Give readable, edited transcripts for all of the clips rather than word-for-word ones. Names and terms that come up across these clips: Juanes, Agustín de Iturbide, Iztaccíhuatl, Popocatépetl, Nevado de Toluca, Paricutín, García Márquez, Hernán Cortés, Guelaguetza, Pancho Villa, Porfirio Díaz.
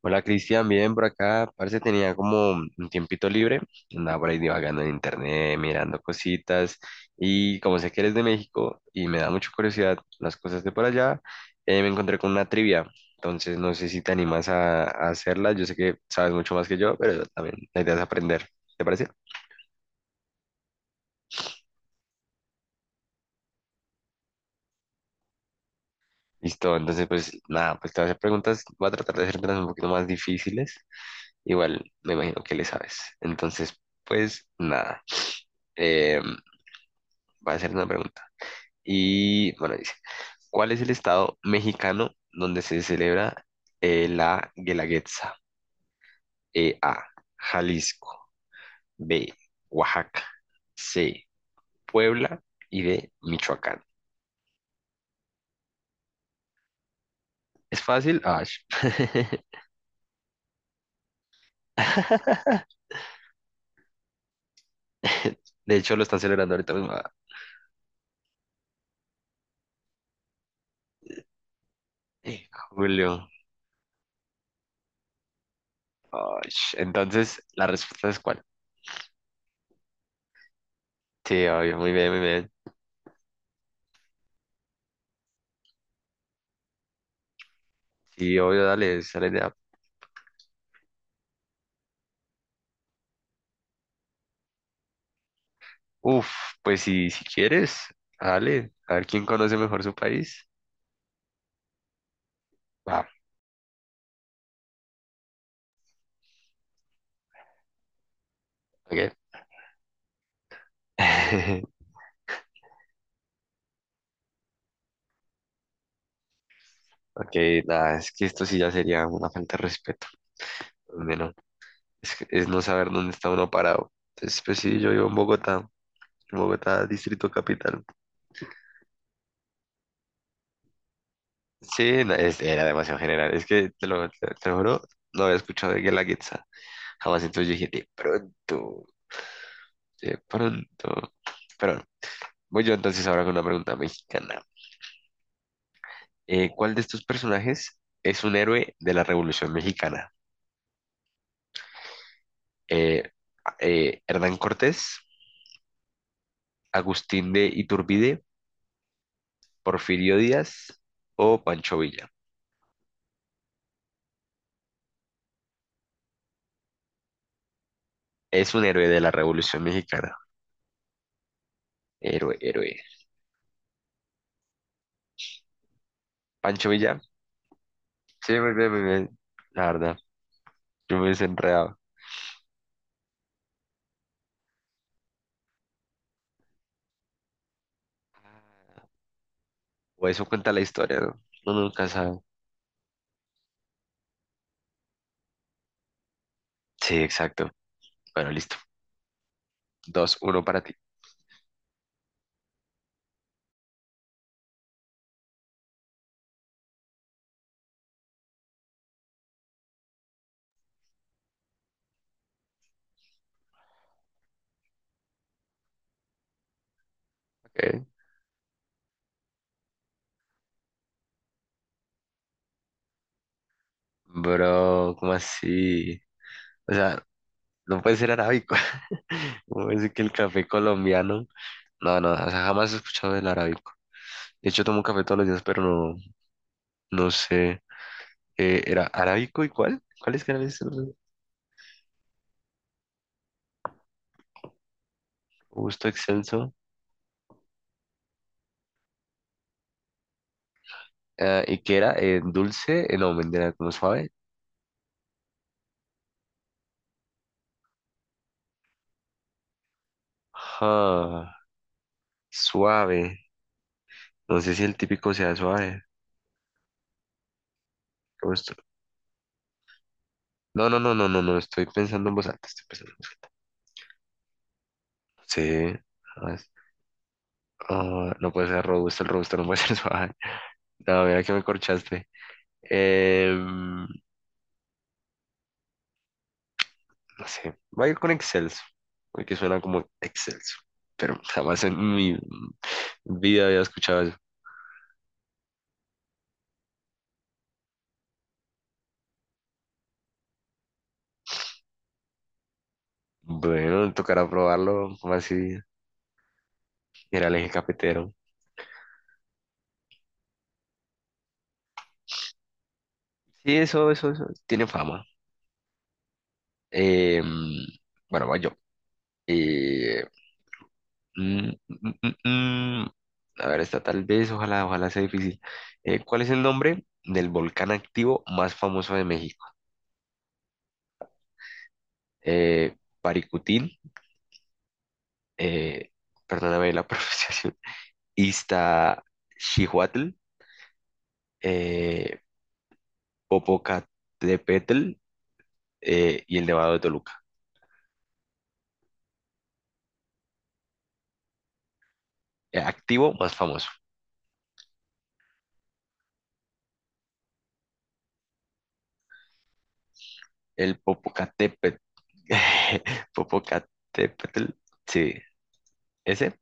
Hola Cristian, bien por acá. Parece tenía como un tiempito libre. Andaba por ahí divagando en internet, mirando cositas. Y como sé que eres de México y me da mucha curiosidad las cosas de por allá, me encontré con una trivia. Entonces no sé si te animas a hacerla. Yo sé que sabes mucho más que yo, pero también la idea es aprender. ¿Te parece? Listo, entonces pues nada, pues te voy a hacer preguntas. Voy a tratar de hacértelas un poquito más difíciles. Igual me imagino que le sabes. Entonces pues nada, eh, voy a hacer una pregunta. Y bueno, dice, ¿cuál es el estado mexicano donde se celebra la Guelaguetza? E, A, Jalisco, B, Oaxaca, C, Puebla y D, Michoacán. ¿Es fácil? Ash. De hecho, lo están celebrando ahorita mismo. Ah, julio. Ash. Entonces, ¿la respuesta es cuál? Sí, obvio, muy bien, muy bien. Sí, obvio, dale, esa es la idea. Uf, pues si, si quieres, dale, a ver quién conoce mejor su país. Ah, ok. Ok, nada, es que esto sí ya sería una falta de respeto. Bueno, es no saber dónde está uno parado. Entonces, pues sí, yo vivo en Bogotá, Distrito Capital. Sí, no, era demasiado general. Es que te lo juro, no había escuchado de Guelaguetza jamás. Entonces yo dije, de pronto, de pronto. Pero no. Voy yo entonces ahora con una pregunta mexicana. ¿Cuál de estos personajes es un héroe de la Revolución Mexicana? Eh, Hernán Cortés. Agustín de Iturbide, Porfirio Díaz o Pancho Villa. Es un héroe de la Revolución Mexicana. Héroe, héroe. Pancho Villa. Sí, muy bien, muy bien. La verdad, yo me hubiese enredado. Ah, o eso cuenta la historia, ¿no? Uno nunca sabe. Sí, exacto. Bueno, listo. Dos, uno para ti. Ok. Bro, ¿cómo así? O sea, no puede ser arábico. ¿Cómo decir que el café colombiano? No, no, o sea, jamás he escuchado del arábico. De hecho, tomo café todos los días, pero no, no sé. ¿Era arábico y cuál? ¿Cuáles canales? Gusto excelso. Ah, ¿y qué era? No, mentira, era como suave. Ah, suave. No sé si el típico sea suave. Gusto- No, no, no, no, no, no, estoy pensando en estoy pensando en voz alta. Sí. Ah, es- ah, no puede ser robusto, el robusto no puede ser suave. No, mira que me corchaste. Em, no sé, voy a ir con excelso, porque suena como excelso, pero jamás en mi vida había escuchado eso. Bueno, tocará probarlo, a ver si era el eje cafetero. Sí, eso, tiene fama. Eh, bueno, voy yo. Eh, mm, mm, mm, mm. A ver, esta tal vez, ojalá, ojalá sea difícil. ¿Cuál es el nombre del volcán activo más famoso de México? Eh, Paricutín, eh, perdóname la pronunciación, Iztaccíhuatl, eh, Popocatépetl y el Nevado de Toluca. Activo más famoso. El Popocatépetl. Popocatépetl. Sí, ese.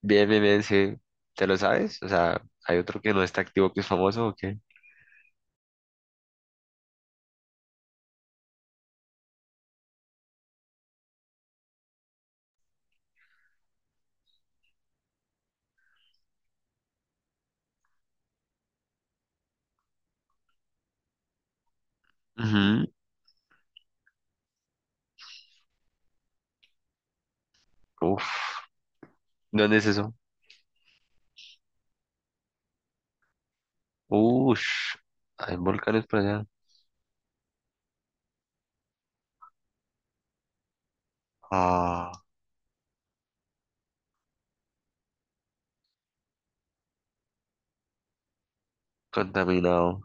Bien, bien, bien, sí. ¿Te lo sabes? O sea, ¿hay otro que no está activo que es famoso o qué? Ujú. Uf. ¿Dónde es eso? Ush. Hay volcanes por allá. Ah, contaminado.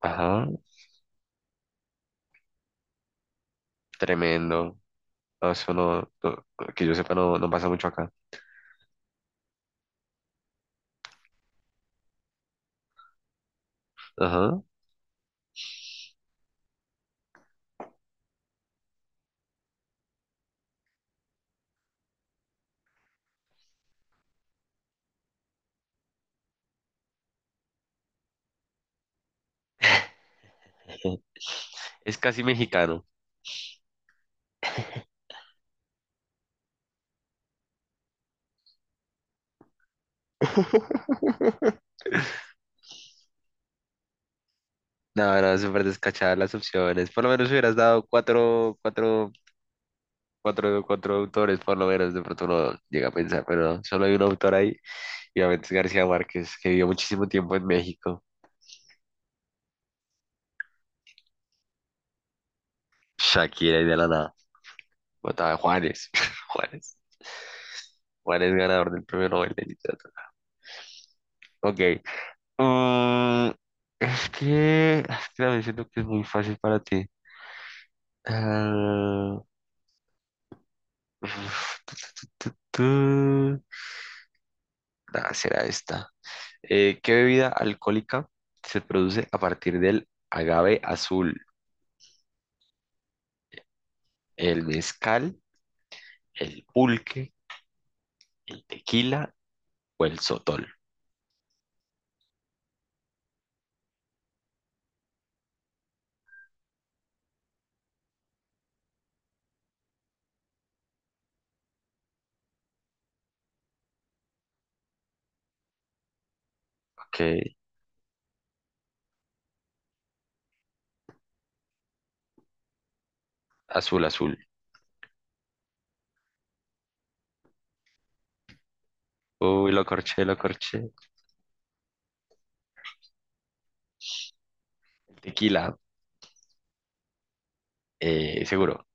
Ajá. Tremendo. No, eso no, no- que yo sepa, no, no pasa mucho acá. Ajá. Es casi mexicano. No, no, súper descachadas las opciones. Por lo menos hubieras dado cuatro, cuatro cuatro, cuatro autores, por lo menos, de pronto uno llega a pensar, pero no, solo hay un autor ahí, y obviamente es García Márquez, que vivió muchísimo tiempo en México. Shakira y de la nada. Mataba a Juanes. Juanes. Juanes ganador del premio Nobel de Literatura. Ok. Mm, es que también siento que es muy fácil para ti. Ah, uf, tú... Nah, será esta. ¿Qué bebida alcohólica se produce a partir del agave azul? El mezcal, el pulque, el tequila o el sotol. Ok, azul, azul. Uy, lo corché, lo corché. Tequila, seguro.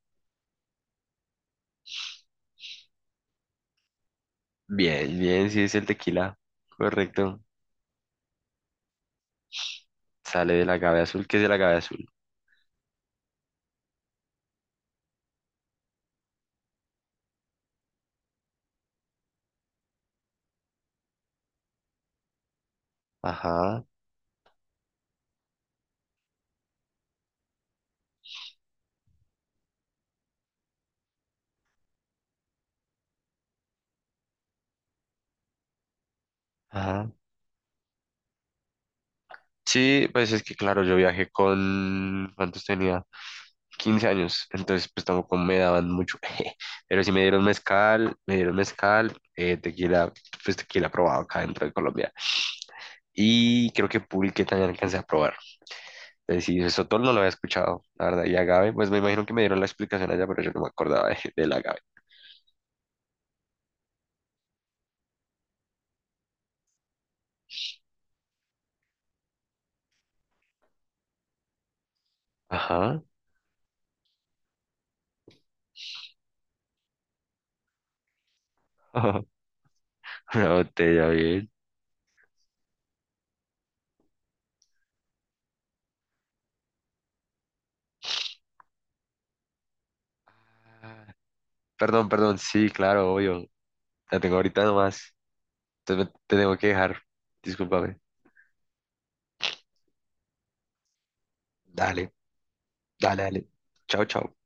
Bien, bien, sí es el tequila. Correcto. Sale del agave azul. ¿Qué es el agave azul? Ajá, ajá. Sí, pues es que claro, yo viajé con... ¿Cuántos tenía? 15 años. Entonces, pues tampoco me daban mucho. Pero sí me dieron mezcal, tequila, pues tequila probado acá dentro de Colombia. Y creo que Pulque también alcancé a probar. Es decir, Sotol no lo había escuchado, la verdad. Y agave, pues me imagino que me dieron la explicación allá, pero yo no me acordaba del agave. Ajá. Ajá. Una botella, bien. Ah, perdón, perdón, sí, claro, obvio. La tengo ahorita nomás. Te tengo que dejar. Discúlpame. Dale, dale, dale. Chao, chao.